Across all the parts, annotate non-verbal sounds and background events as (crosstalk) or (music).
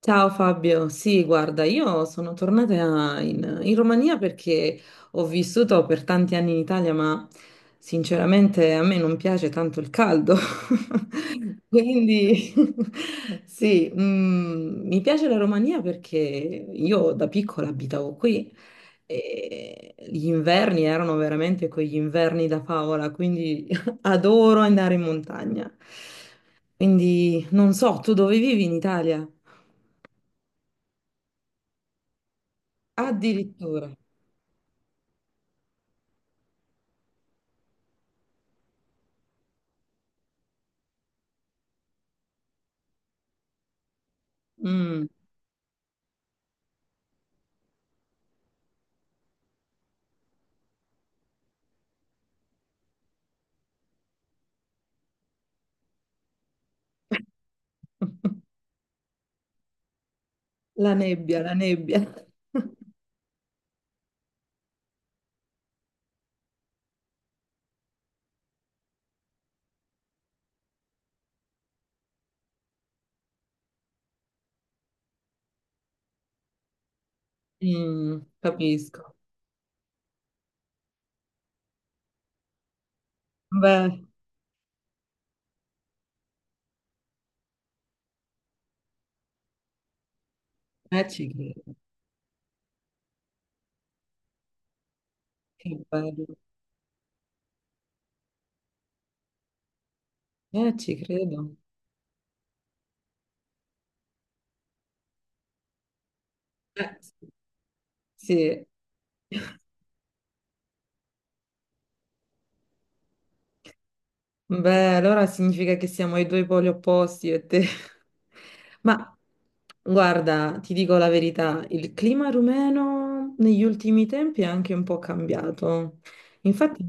Ciao Fabio, sì, guarda, io sono tornata in Romania perché ho vissuto per tanti anni in Italia, ma sinceramente a me non piace tanto il caldo. (laughs) Quindi (laughs) sì, mi piace la Romania perché io da piccola abitavo qui e gli inverni erano veramente quegli inverni da favola, quindi (laughs) adoro andare in montagna. Quindi non so, tu dove vivi in Italia? Addirittura. Mm. (laughs) La nebbia, la nebbia. (laughs) Mm, capisco. Beh, ci credo. Che bello. Ci credo. Eh, sì. Beh, allora significa che siamo ai due poli opposti, io e te. (laughs) Ma guarda, ti dico la verità, il clima rumeno negli ultimi tempi è anche un po' cambiato. Infatti,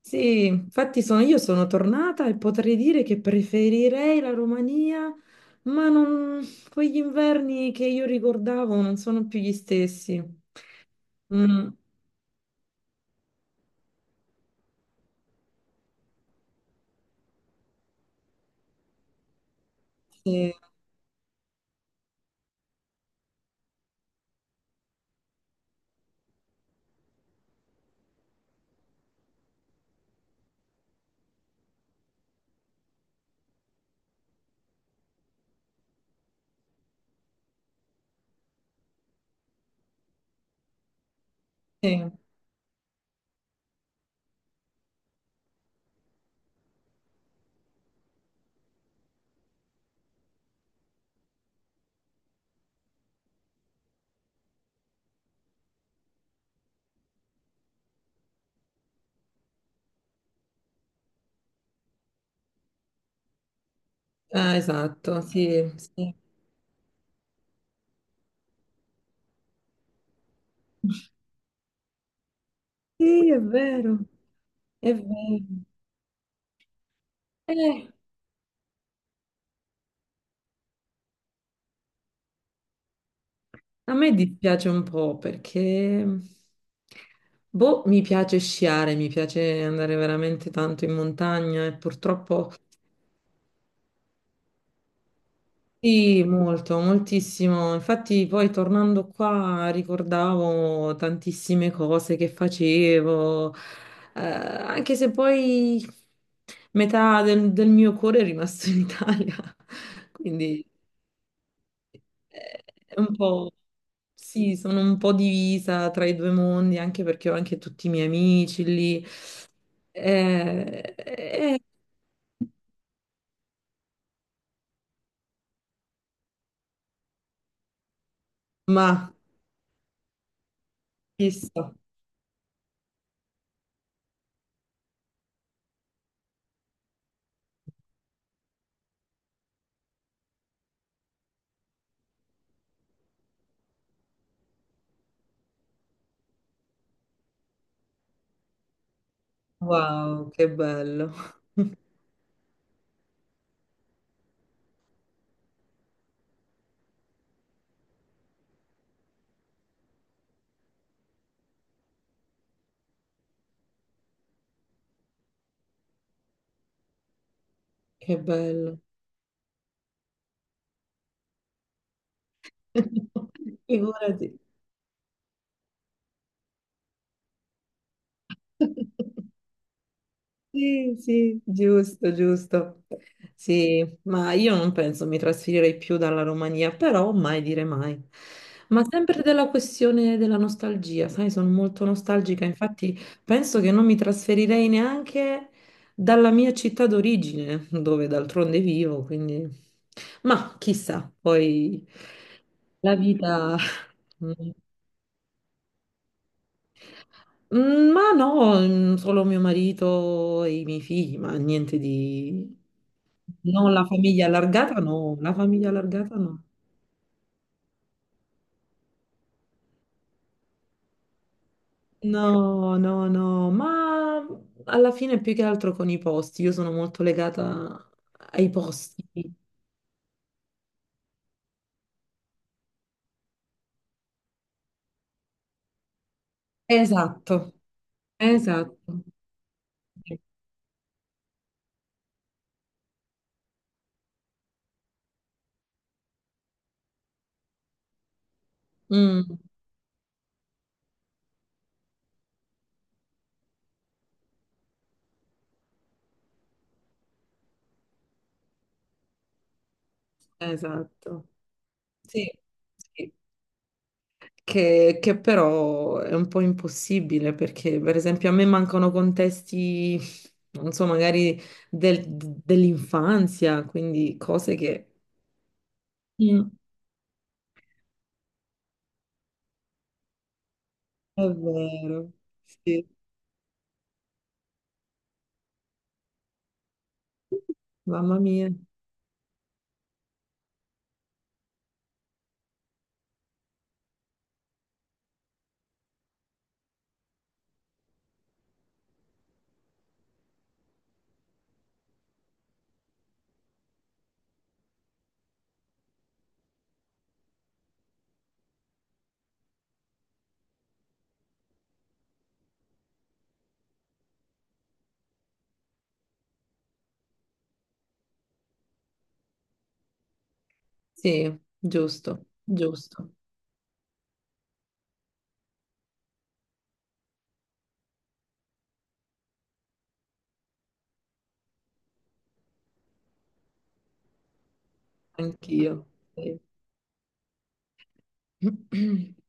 sì, infatti io sono tornata e potrei dire che preferirei la Romania, ma quegli inverni che io ricordavo non sono più gli stessi. Mm, sì, sì. Ah, esatto, sì, sì. Sì, è vero, è vero. Eh, a me dispiace un po' perché, boh, mi piace sciare, mi piace andare veramente tanto in montagna e purtroppo... Sì, molto, moltissimo. Infatti poi tornando qua ricordavo tantissime cose che facevo, anche se poi metà del mio cuore è rimasto in Italia. (laughs) Quindi è un po', sì, sono un po' divisa tra i due mondi, anche perché ho anche tutti i miei amici lì. Eh, eh, ma chissà, wow, che bello, (laughs) che bello. (laughs) Figurati. Sì, sì, giusto, giusto. Sì, ma io non penso mi trasferirei più dalla Romania, però mai dire mai. Ma sempre della questione della nostalgia, sai, sono molto nostalgica, infatti penso che non mi trasferirei neanche dalla mia città d'origine, dove d'altronde vivo, quindi... Ma chissà, poi la vita... (laughs) Mm, ma no, solo mio marito e i miei figli, ma niente di... Non la famiglia allargata, no, la famiglia allargata no. No, no, no, ma alla fine più che altro con i posti, io sono molto legata ai posti. Esatto, esatto. Mm, esatto. Sì, sì, che però è un po' impossibile perché, per esempio, a me mancano contesti, non so, magari dell'infanzia, quindi cose che... Mm. È vero, sì, mamma mia. Sì, giusto, giusto, anch'io. Sì. (clears throat)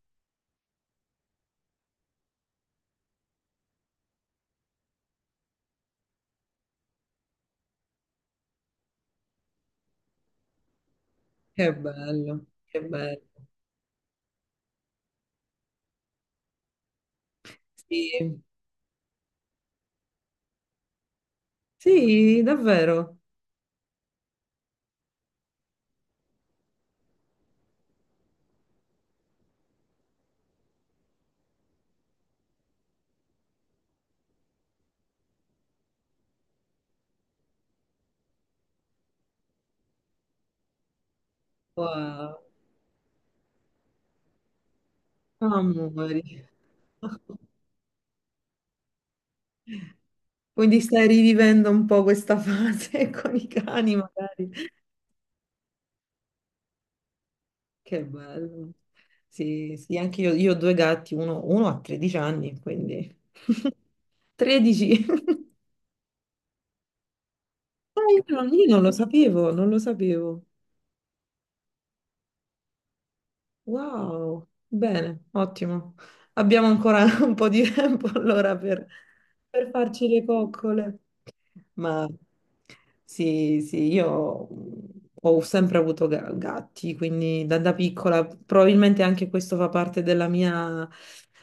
Che bello, che bello. Sì, sì, davvero. Wow, amori. (laughs) Quindi stai rivivendo un po' questa fase (laughs) con i cani, magari. Che bello. Sì, sì, anche io ho due gatti, uno, uno ha 13 anni, quindi (laughs) 13. (laughs) Ah, io non, io non lo sapevo, non lo sapevo. Wow, bene, ottimo. Abbiamo ancora (laughs) un po' di tempo allora per farci le coccole. Ma sì, sì, io ho sempre avuto gatti, quindi da, da piccola probabilmente anche questo fa parte della mia,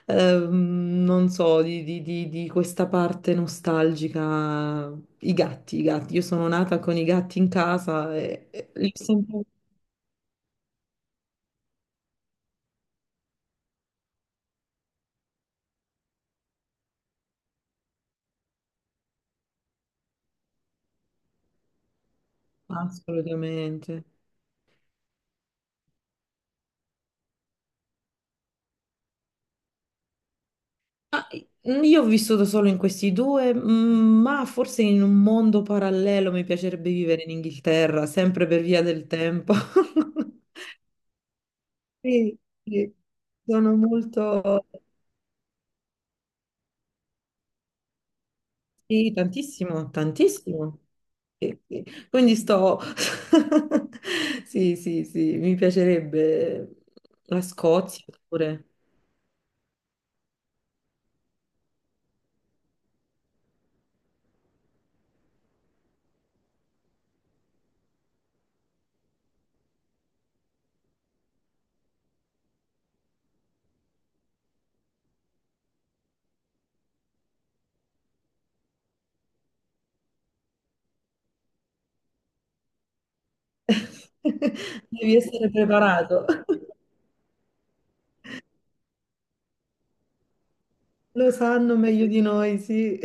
non so, di, di questa parte nostalgica. I gatti, i gatti. Io sono nata con i gatti in casa e li ho sempre... Assolutamente. Ah, io ho vissuto solo in questi due, ma forse in un mondo parallelo mi piacerebbe vivere in Inghilterra, sempre per via del tempo. (laughs) Sì, sì, sono molto... Sì, tantissimo, tantissimo. Sì, sì. Quindi sto... (laughs) Sì, sì, sì, mi piacerebbe la Scozia pure. (laughs) Devi essere preparato. (laughs) Lo sanno meglio di noi, sì.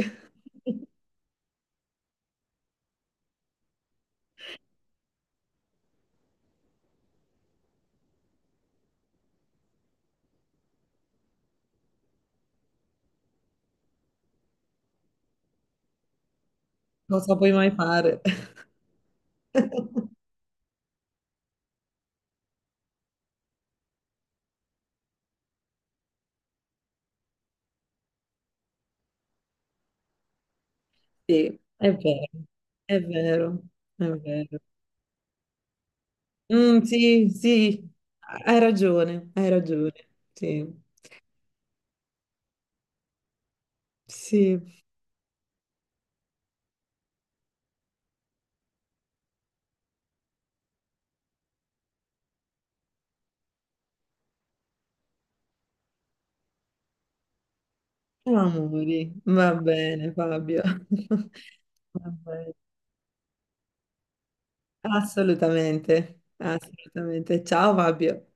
Cosa puoi mai fare? (laughs) Sì, è vero, è vero, è vero. Mm, sì, sì, hai ragione, hai ragione. Sì, sì. Amori, va bene, Fabio. (laughs) Va bene. Assolutamente, assolutamente. Ciao, Fabio.